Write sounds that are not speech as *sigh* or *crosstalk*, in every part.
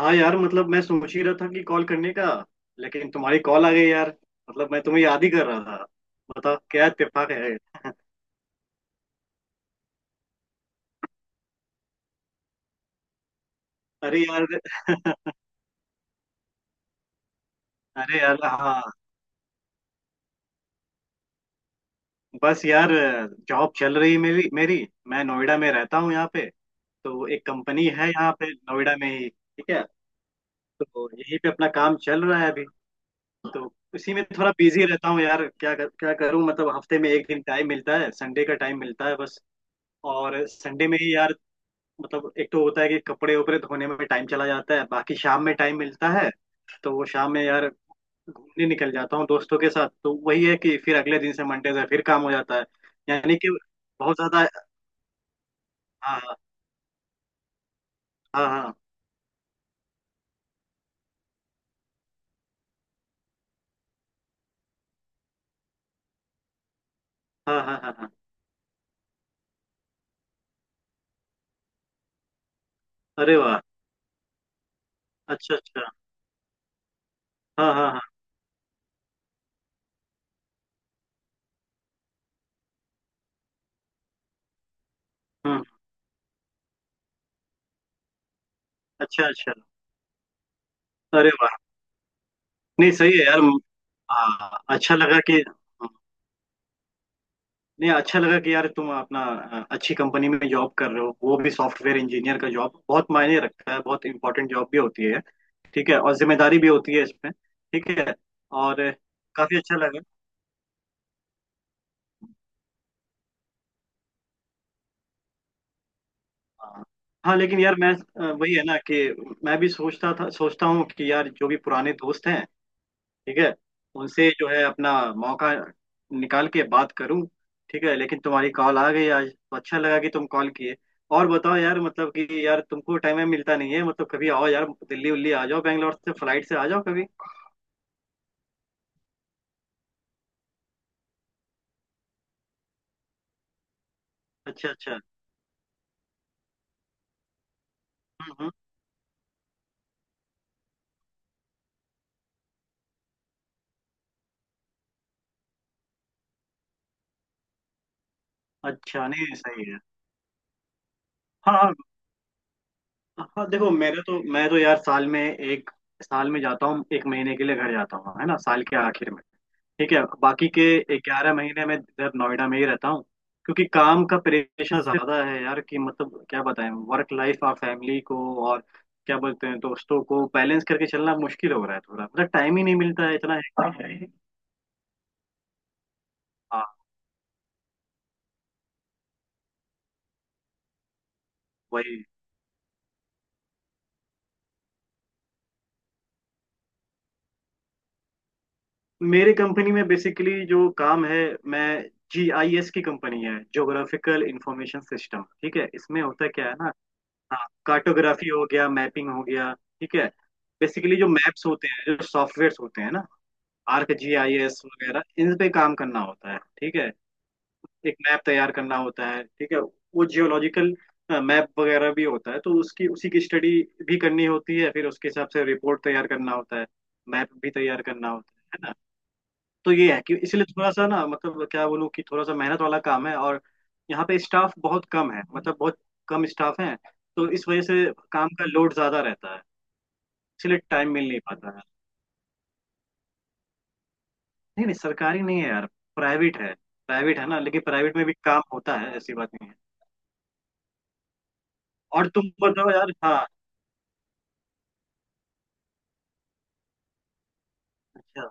हाँ यार मतलब मैं सोच ही रहा था कि कॉल करने का। लेकिन तुम्हारी कॉल आ गई यार। मतलब मैं तुम्हें याद ही कर रहा था। बताओ क्या इत्तेफाक है। अरे यार। अरे यार हाँ। बस यार। जॉब चल रही मेरी मेरी। मैं नोएडा में रहता हूँ यहाँ पे। तो एक कंपनी है यहाँ पे नोएडा में ही ठीक है। तो यहीं पे अपना काम चल रहा है अभी। तो उसी में थोड़ा बिजी रहता हूँ यार क्या करूँ। मतलब हफ्ते में एक दिन टाइम मिलता है, संडे का टाइम मिलता है बस। और संडे में ही यार। मतलब एक तो होता है कि कपड़े वपड़े धोने में टाइम चला जाता है, बाकी शाम में टाइम मिलता है। तो वो शाम में यार घूमने निकल जाता हूँ दोस्तों के साथ। तो वही है कि फिर अगले दिन से मंडे से फिर काम हो जाता है। यानी कि बहुत ज्यादा। हाँ हाँ हाँ हाँ हाँ हाँ हाँ हाँ। अरे वाह। अच्छा अच्छा। हाँ हाँ हाँ। हम्म। अच्छा अच्छा। अरे वाह। नहीं सही है यार। हाँ, अच्छा लगा कि नहीं, अच्छा लगा कि यार तुम अपना अच्छी कंपनी में जॉब कर रहे हो। वो भी सॉफ्टवेयर इंजीनियर का जॉब बहुत मायने रखता है, बहुत इंपॉर्टेंट जॉब भी होती है। ठीक है, और जिम्मेदारी भी होती है इसमें ठीक है। और काफी अच्छा लगा। हाँ हाँ, लेकिन यार मैं वही है ना कि मैं भी सोचता था, सोचता हूँ कि यार जो भी पुराने दोस्त हैं ठीक है उनसे जो है अपना मौका निकाल के बात करूं। ठीक है, लेकिन तुम्हारी कॉल आ गई आज तो अच्छा लगा कि तुम कॉल किए। और बताओ यार मतलब कि यार तुमको टाइम में मिलता नहीं है मतलब। कभी आओ यार दिल्ली उल्ली आ जाओ, बैंगलोर से फ्लाइट से आ जाओ कभी। अच्छा अच्छा। हम्म हम्म। अच्छा, नहीं सही है। हाँ हाँ। हाँ, देखो मेरे तो मैं तो यार साल में जाता हूँ, एक महीने के लिए घर जाता हूँ है ना साल के आखिर में। ठीक है, बाकी के 11 महीने में इधर नोएडा में ही रहता हूँ। क्योंकि काम का प्रेशर ज्यादा है यार कि मतलब क्या बताएं, वर्क लाइफ और फैमिली को और क्या बोलते हैं दोस्तों को बैलेंस करके चलना मुश्किल हो रहा है थोड़ा, मतलब टाइम ही नहीं मिलता है इतना। है। हाँ। वही। मेरी कंपनी में बेसिकली जो काम है, मैं जी आई एस की कंपनी है, ज्योग्राफिकल इंफॉर्मेशन सिस्टम ठीक है, इसमें होता क्या है ना, हाँ कार्टोग्राफी हो गया मैपिंग हो गया ठीक है। बेसिकली जो मैप्स होते हैं, जो सॉफ्टवेयर होते हैं ना आर्क जी आई एस वगैरह, इन पे काम करना होता है ठीक है। एक मैप तैयार करना होता है ठीक है, वो जियोलॉजिकल मैप वगैरह भी होता है तो उसकी उसी की स्टडी भी करनी होती है, फिर उसके हिसाब से रिपोर्ट तैयार करना होता है, मैप भी तैयार करना होता है ना। तो ये है कि इसलिए थोड़ा सा ना मतलब क्या बोलूँ कि थोड़ा सा मेहनत वाला काम है। और यहाँ पे स्टाफ बहुत कम है, मतलब बहुत कम स्टाफ है। तो इस वजह से काम का लोड ज्यादा रहता है, इसलिए टाइम मिल नहीं पाता है। नहीं नहीं सरकारी नहीं है यार, प्राइवेट है। प्राइवेट है ना, लेकिन प्राइवेट में भी काम होता है ऐसी बात नहीं है। और तुम बताओ यार। हाँ। अच्छा।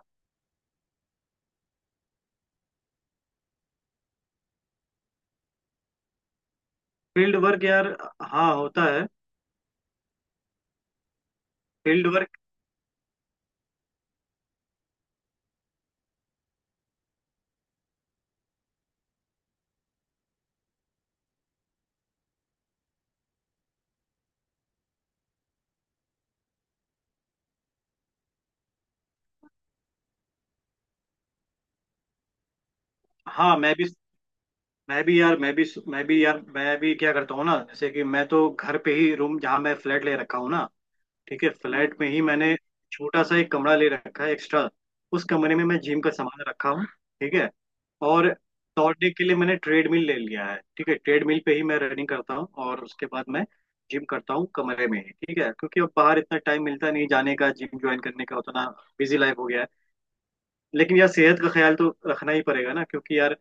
फील्ड वर्क यार हाँ होता है फील्ड वर्क। हाँ मैं भी यार मैं भी यार मैं भी क्या करता हूँ ना, जैसे कि मैं तो घर पे ही रूम जहाँ मैं फ्लैट ले रखा हूँ ना ठीक है। फ्लैट में ही मैंने छोटा सा एक कमरा ले रखा है एक्स्ट्रा। उस कमरे में मैं जिम का सामान रखा हूँ ठीक है। और दौड़ने के लिए मैंने ट्रेडमिल ले लिया है ठीक है। ट्रेडमिल पे ही मैं रनिंग करता हूँ और उसके बाद मैं जिम करता हूँ कमरे में ही ठीक है। क्योंकि अब बाहर इतना टाइम मिलता नहीं जाने का जिम ज्वाइन करने का उतना, बिजी लाइफ हो गया है। लेकिन यार सेहत का ख्याल तो रखना ही पड़ेगा ना, क्योंकि यार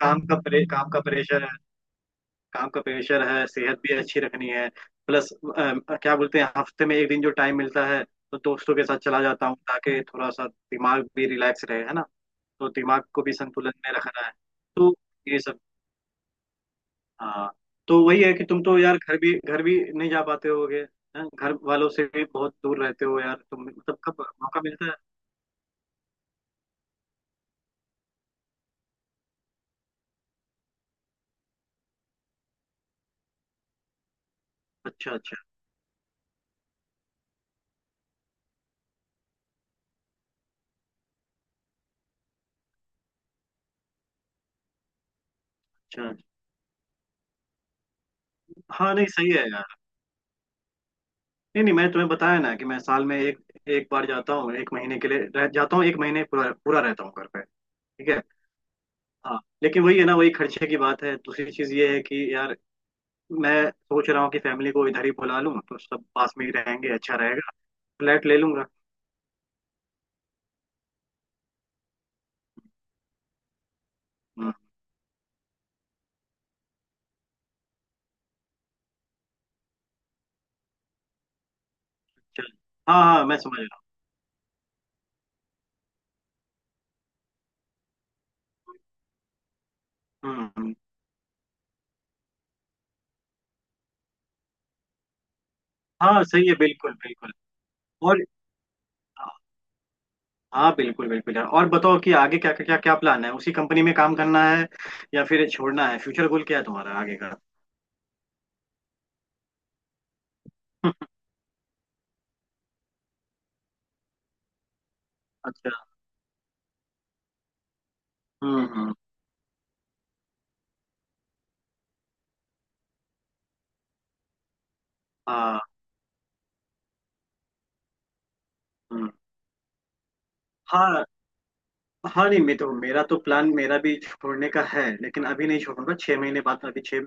काम का प्रेशर है। काम का प्रेशर है, सेहत भी अच्छी रखनी है। प्लस क्या बोलते हैं, हफ्ते में एक दिन जो टाइम मिलता है तो दोस्तों के साथ चला जाता हूँ ताकि थोड़ा सा दिमाग भी रिलैक्स रहे है ना। तो दिमाग को भी संतुलन में रखना है। तो ये सब। हाँ। तो वही है कि तुम तो यार घर भी नहीं जा पाते होगे। हैं? घर वालों से भी बहुत दूर रहते हो यार तुम, मतलब कब मौका मिलता है। अच्छा अच्छा। अच्छा अच्छा। हाँ नहीं सही है यार। नहीं नहीं, मैंने तुम्हें बताया ना कि मैं साल में एक एक बार जाता हूँ, एक महीने के लिए रह जाता हूँ, एक महीने पूरा पूरा रहता हूँ घर पे। ठीक है। हाँ लेकिन वही है ना, वही खर्चे की बात है। दूसरी चीज ये है कि यार मैं सोच रहा हूँ कि फैमिली को इधर ही बुला लूँ तो सब पास में ही रहेंगे, अच्छा रहेगा। फ्लैट ले लूंगा। हम्म। चल। हाँ हाँ मैं समझ रहा हूँ। हम्म। हाँ सही है, बिल्कुल बिल्कुल। और। हाँ बिल्कुल बिल्कुल यार। और बताओ कि आगे क्या क्या क्या क्या प्लान है, उसी कंपनी में काम करना है या फिर छोड़ना है। फ्यूचर गोल क्या है तुम्हारा आगे का। *laughs* अच्छा। हम्म। हाँ। हम्म। हाँ हाँ नहीं मैं तो, मेरा तो प्लान, मेरा भी छोड़ने का है लेकिन अभी नहीं छोड़ूंगा। छह महीने बाद अभी छह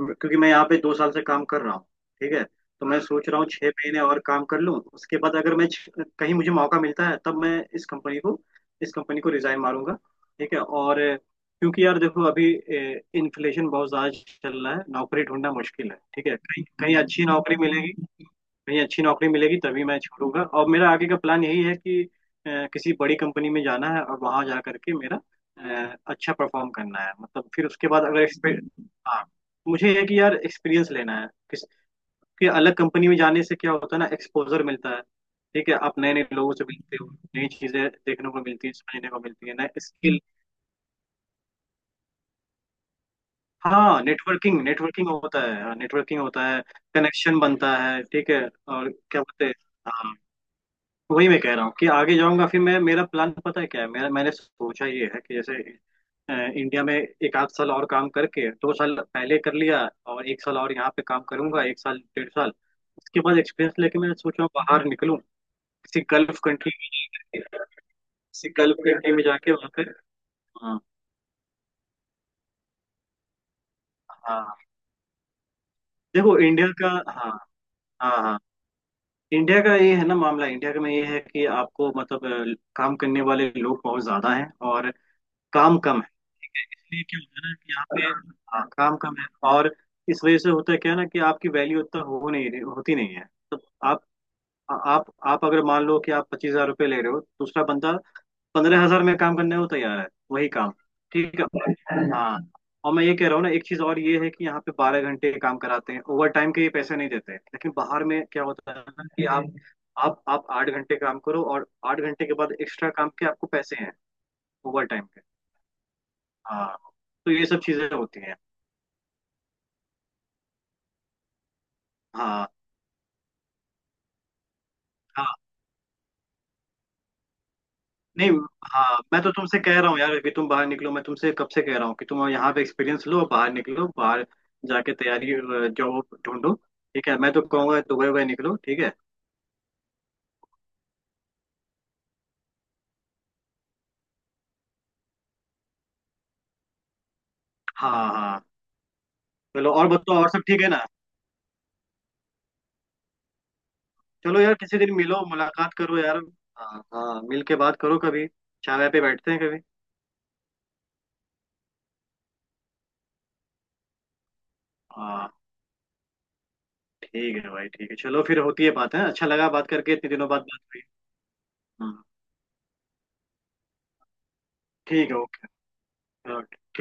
क्योंकि मैं यहाँ पे 2 साल से काम कर रहा हूँ ठीक है। तो मैं हाँ सोच रहा हूँ 6 महीने और काम कर लूँ। उसके बाद अगर मैं कहीं मुझे मौका मिलता है तब मैं इस कंपनी को रिजाइन मारूंगा। ठीक है और क्योंकि यार देखो अभी इन्फ्लेशन बहुत ज्यादा चल रहा है, नौकरी ढूंढना मुश्किल है ठीक है। कहीं कहीं अच्छी नौकरी मिलेगी कहीं अच्छी नौकरी मिलेगी तभी मैं छोड़ूंगा। और मेरा आगे का प्लान यही है कि किसी बड़ी कंपनी में जाना है और वहां जा करके मेरा अच्छा परफॉर्म करना है। मतलब फिर उसके बाद अगर एक्सपीरियंस, हाँ मुझे है कि यार एक्सपीरियंस लेना है। किस कि अलग कंपनी में जाने से क्या होता है ना, एक्सपोजर मिलता है ठीक है। आप नए नए लोगों से मिलते हो, नई चीजें देखने को मिलती है, समझने को मिलती है, नए स्किल। हाँ नेटवर्किंग नेटवर्किंग होता है नेटवर्किंग होता है। कनेक्शन बनता है ठीक है। और क्या बोलते हैं, हाँ वही मैं कह रहा हूँ कि आगे जाऊंगा। फिर मैं मेरा प्लान पता है क्या है, मेरा मैंने सोचा ये है कि जैसे इंडिया में एक आध साल और काम करके, 2 साल पहले कर लिया, और एक साल और यहाँ पे काम करूंगा, एक साल डेढ़ साल। उसके बाद एक्सपीरियंस लेके मैं सोच रहा हूँ बाहर निकलूं किसी गल्फ कंट्री में जाके, वहाँ पे। हाँ हाँ देखो इंडिया का। हाँ हाँ हाँ। इंडिया का ये है ना मामला, इंडिया का में ये है कि आपको मतलब काम करने वाले लोग बहुत ज्यादा हैं और काम कम है। इसलिए क्या होता है ना कि यहाँ पे हाँ, काम कम है और इस वजह से होता है क्या है ना कि आपकी वैल्यू उतना हो नहीं रही, होती नहीं है। तो आप आप अगर मान लो कि आप 25,000 रुपये ले रहे हो, दूसरा बंदा 15,000 में काम करने को तैयार है वही काम। ठीक है हाँ। और मैं ये कह रहा हूँ ना एक चीज और ये है कि यहाँ पे 12 घंटे काम कराते हैं, ओवर टाइम के ये पैसे नहीं देते। लेकिन बाहर में क्या होता है ना कि आप आठ घंटे काम करो और 8 घंटे के बाद एक्स्ट्रा काम के आपको पैसे हैं ओवर टाइम के। हाँ। तो ये सब चीजें होती हैं। हाँ। हाँ। नहीं हाँ मैं तो तुमसे कह रहा हूँ यार कि तुम बाहर निकलो, मैं तुमसे कब से कह रहा हूँ कि तुम यहाँ पे एक्सपीरियंस लो, बाहर निकलो, बाहर जाके तैयारी जॉब ढूंढो ठीक है। मैं तो कहूँगा दुबई वुबई निकलो ठीक है। हाँ हाँ। चलो और बताओ, और सब ठीक है ना। चलो यार किसी दिन मिलो मुलाकात करो यार। हाँ हाँ मिल के बात करो कभी। चाय वाय पे बैठते हैं कभी। हाँ ठीक है भाई ठीक है। चलो फिर होती है बात है, अच्छा लगा बात करके, इतने दिनों बाद बात हुई। हाँ। ठीक है। ओके।